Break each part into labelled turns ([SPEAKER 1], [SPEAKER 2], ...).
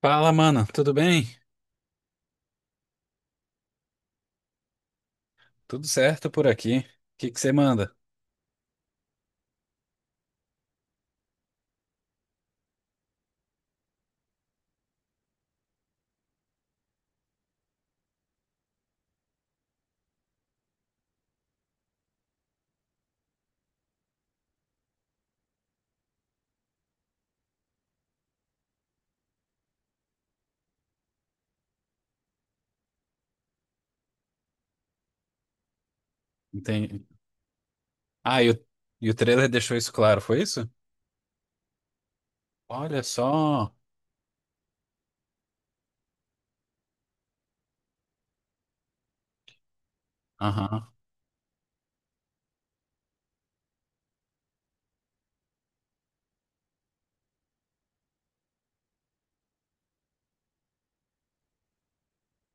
[SPEAKER 1] Fala, mano, tudo bem? Tudo certo por aqui. O que você manda? Entendi. Ah, e o, e o trailer deixou isso claro, foi isso? Olha só. Aham.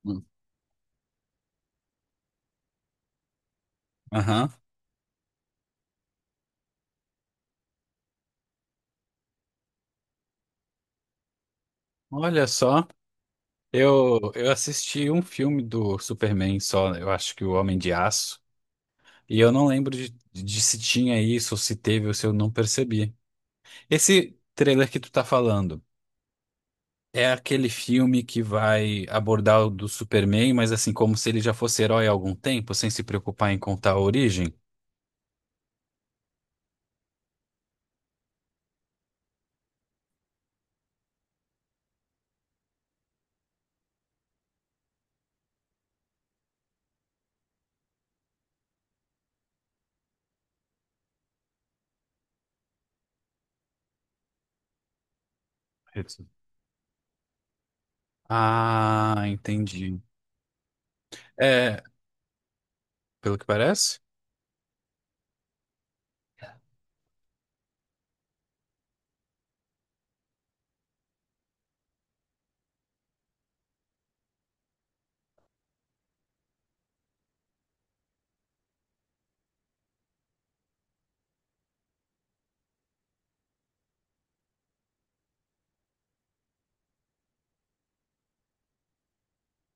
[SPEAKER 1] Hum. Aham. Olha só. Eu assisti um filme do Superman só, eu acho que o Homem de Aço, e eu não lembro de se tinha isso, ou se teve, ou se eu não percebi. Esse trailer que tu tá falando. É aquele filme que vai abordar o do Superman, mas assim, como se ele já fosse herói há algum tempo, sem se preocupar em contar a origem? Isso. Ah, entendi. É, pelo que parece?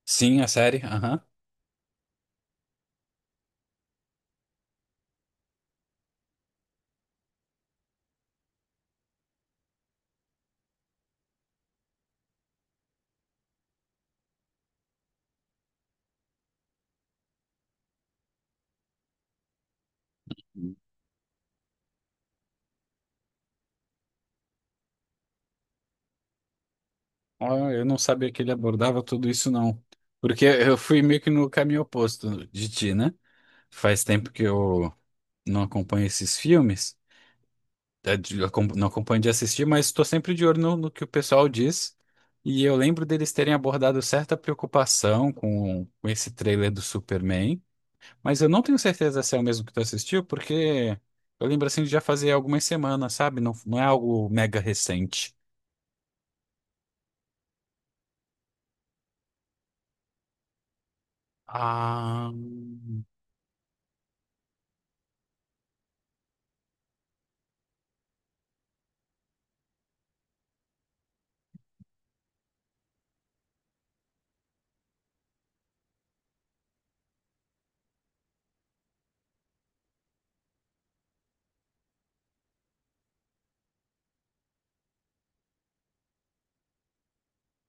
[SPEAKER 1] Sim, a série, aham. Ó, eu não sabia que ele abordava tudo isso, não. Porque eu fui meio que no caminho oposto de ti, né? Faz tempo que eu não acompanho esses filmes. É, não acompanho de assistir, mas estou sempre de olho no, no que o pessoal diz. E eu lembro deles terem abordado certa preocupação com esse trailer do Superman, mas eu não tenho certeza se é o mesmo que tu assistiu, porque eu lembro assim de já fazer algumas semanas, sabe? Não é algo mega recente. Ah,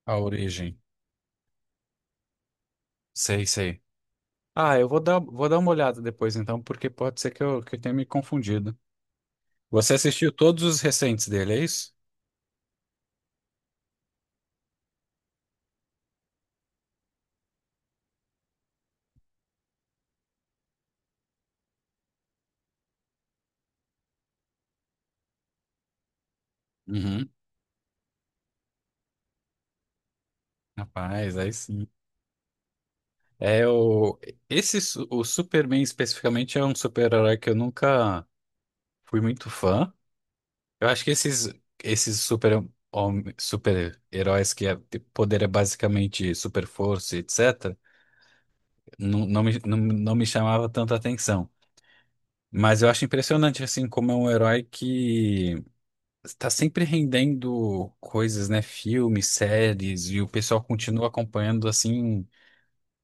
[SPEAKER 1] a origem. Sei, sei. Ah, vou dar uma olhada depois então, porque pode ser que eu tenha me confundido. Você assistiu todos os recentes dele, é isso? Uhum. Rapaz, aí sim. É o Esse o Superman especificamente é um super-herói que eu nunca fui muito fã. Eu acho que esses super-heróis que é, de poder é basicamente super força, etc. Não, não me chamava tanta atenção. Mas eu acho impressionante assim como é um herói que está sempre rendendo coisas, né, filmes, séries e o pessoal continua acompanhando assim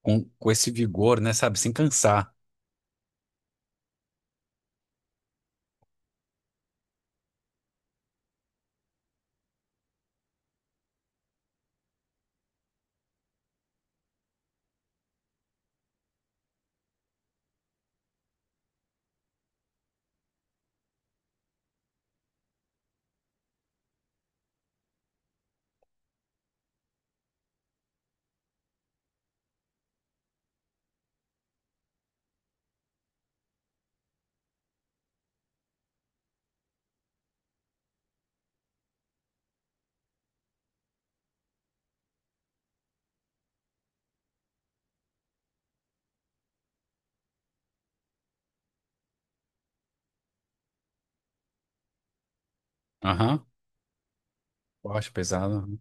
[SPEAKER 1] com esse vigor, né, sabe, sem cansar. Aham. Eu acho pesado.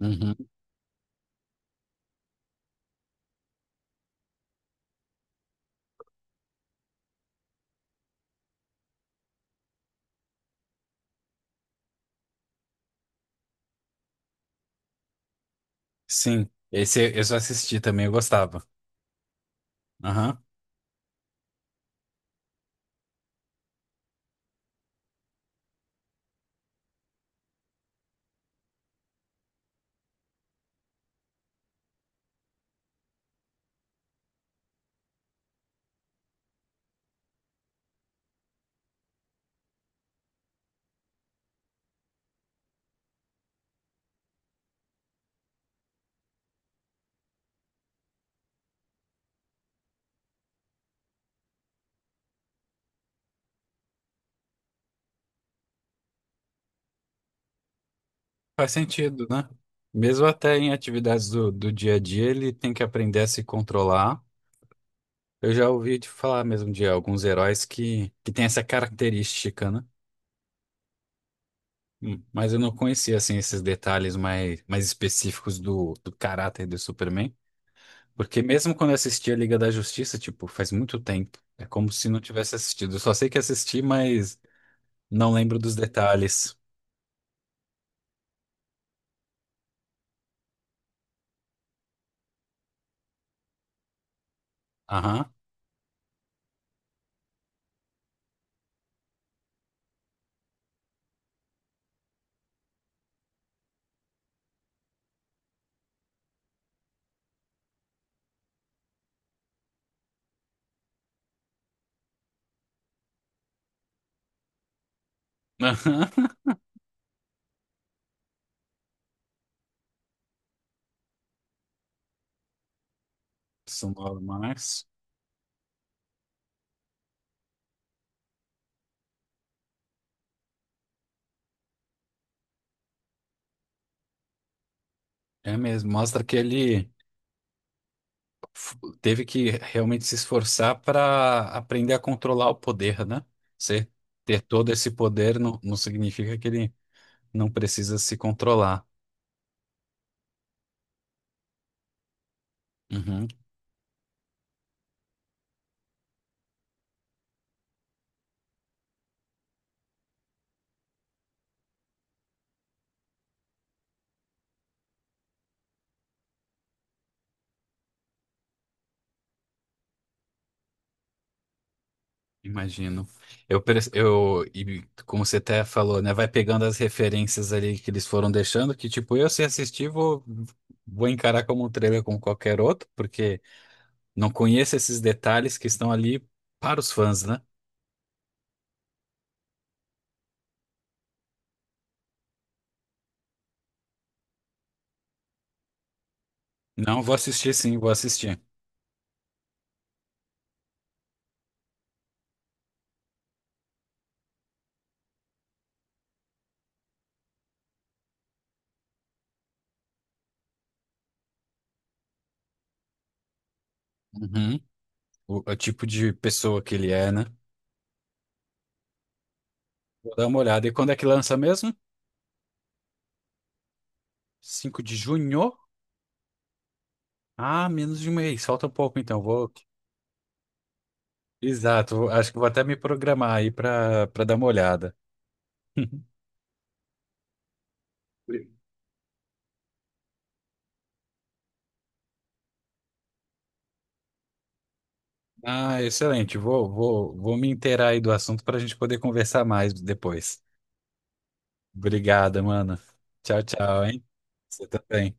[SPEAKER 1] Uhum. Sim, esse eu só assisti também, eu gostava. Aham. Faz sentido, né? Mesmo até em atividades do dia a dia, ele tem que aprender a se controlar. Eu já ouvi te falar mesmo de alguns heróis que têm essa característica, né? Mas eu não conhecia, assim, esses detalhes mais, mais específicos do caráter do Superman. Porque mesmo quando eu assisti a Liga da Justiça, tipo, faz muito tempo. É como se não tivesse assistido. Eu só sei que assisti, mas não lembro dos detalhes. Aham. Sumou Marx. É mesmo, mostra que ele f- teve que realmente se esforçar para aprender a controlar o poder, né? Você ter todo esse poder não significa que ele não precisa se controlar. Uhum, imagino. E como você até falou, né? Vai pegando as referências ali que eles foram deixando, que tipo, eu se assistir, vou encarar como um trailer como qualquer outro, porque não conheço esses detalhes que estão ali para os fãs, né? Não, vou assistir sim, vou assistir. Uhum. O tipo de pessoa que ele é, né? Vou dar uma olhada. E quando é que lança mesmo? 5 de junho? Ah, menos de um mês. Falta um pouco então. Vou. Exato, acho que vou até me programar aí para dar uma olhada. Ah, excelente. Vou me inteirar aí do assunto para a gente poder conversar mais depois. Obrigada, mano. Tchau, tchau, hein? Você também.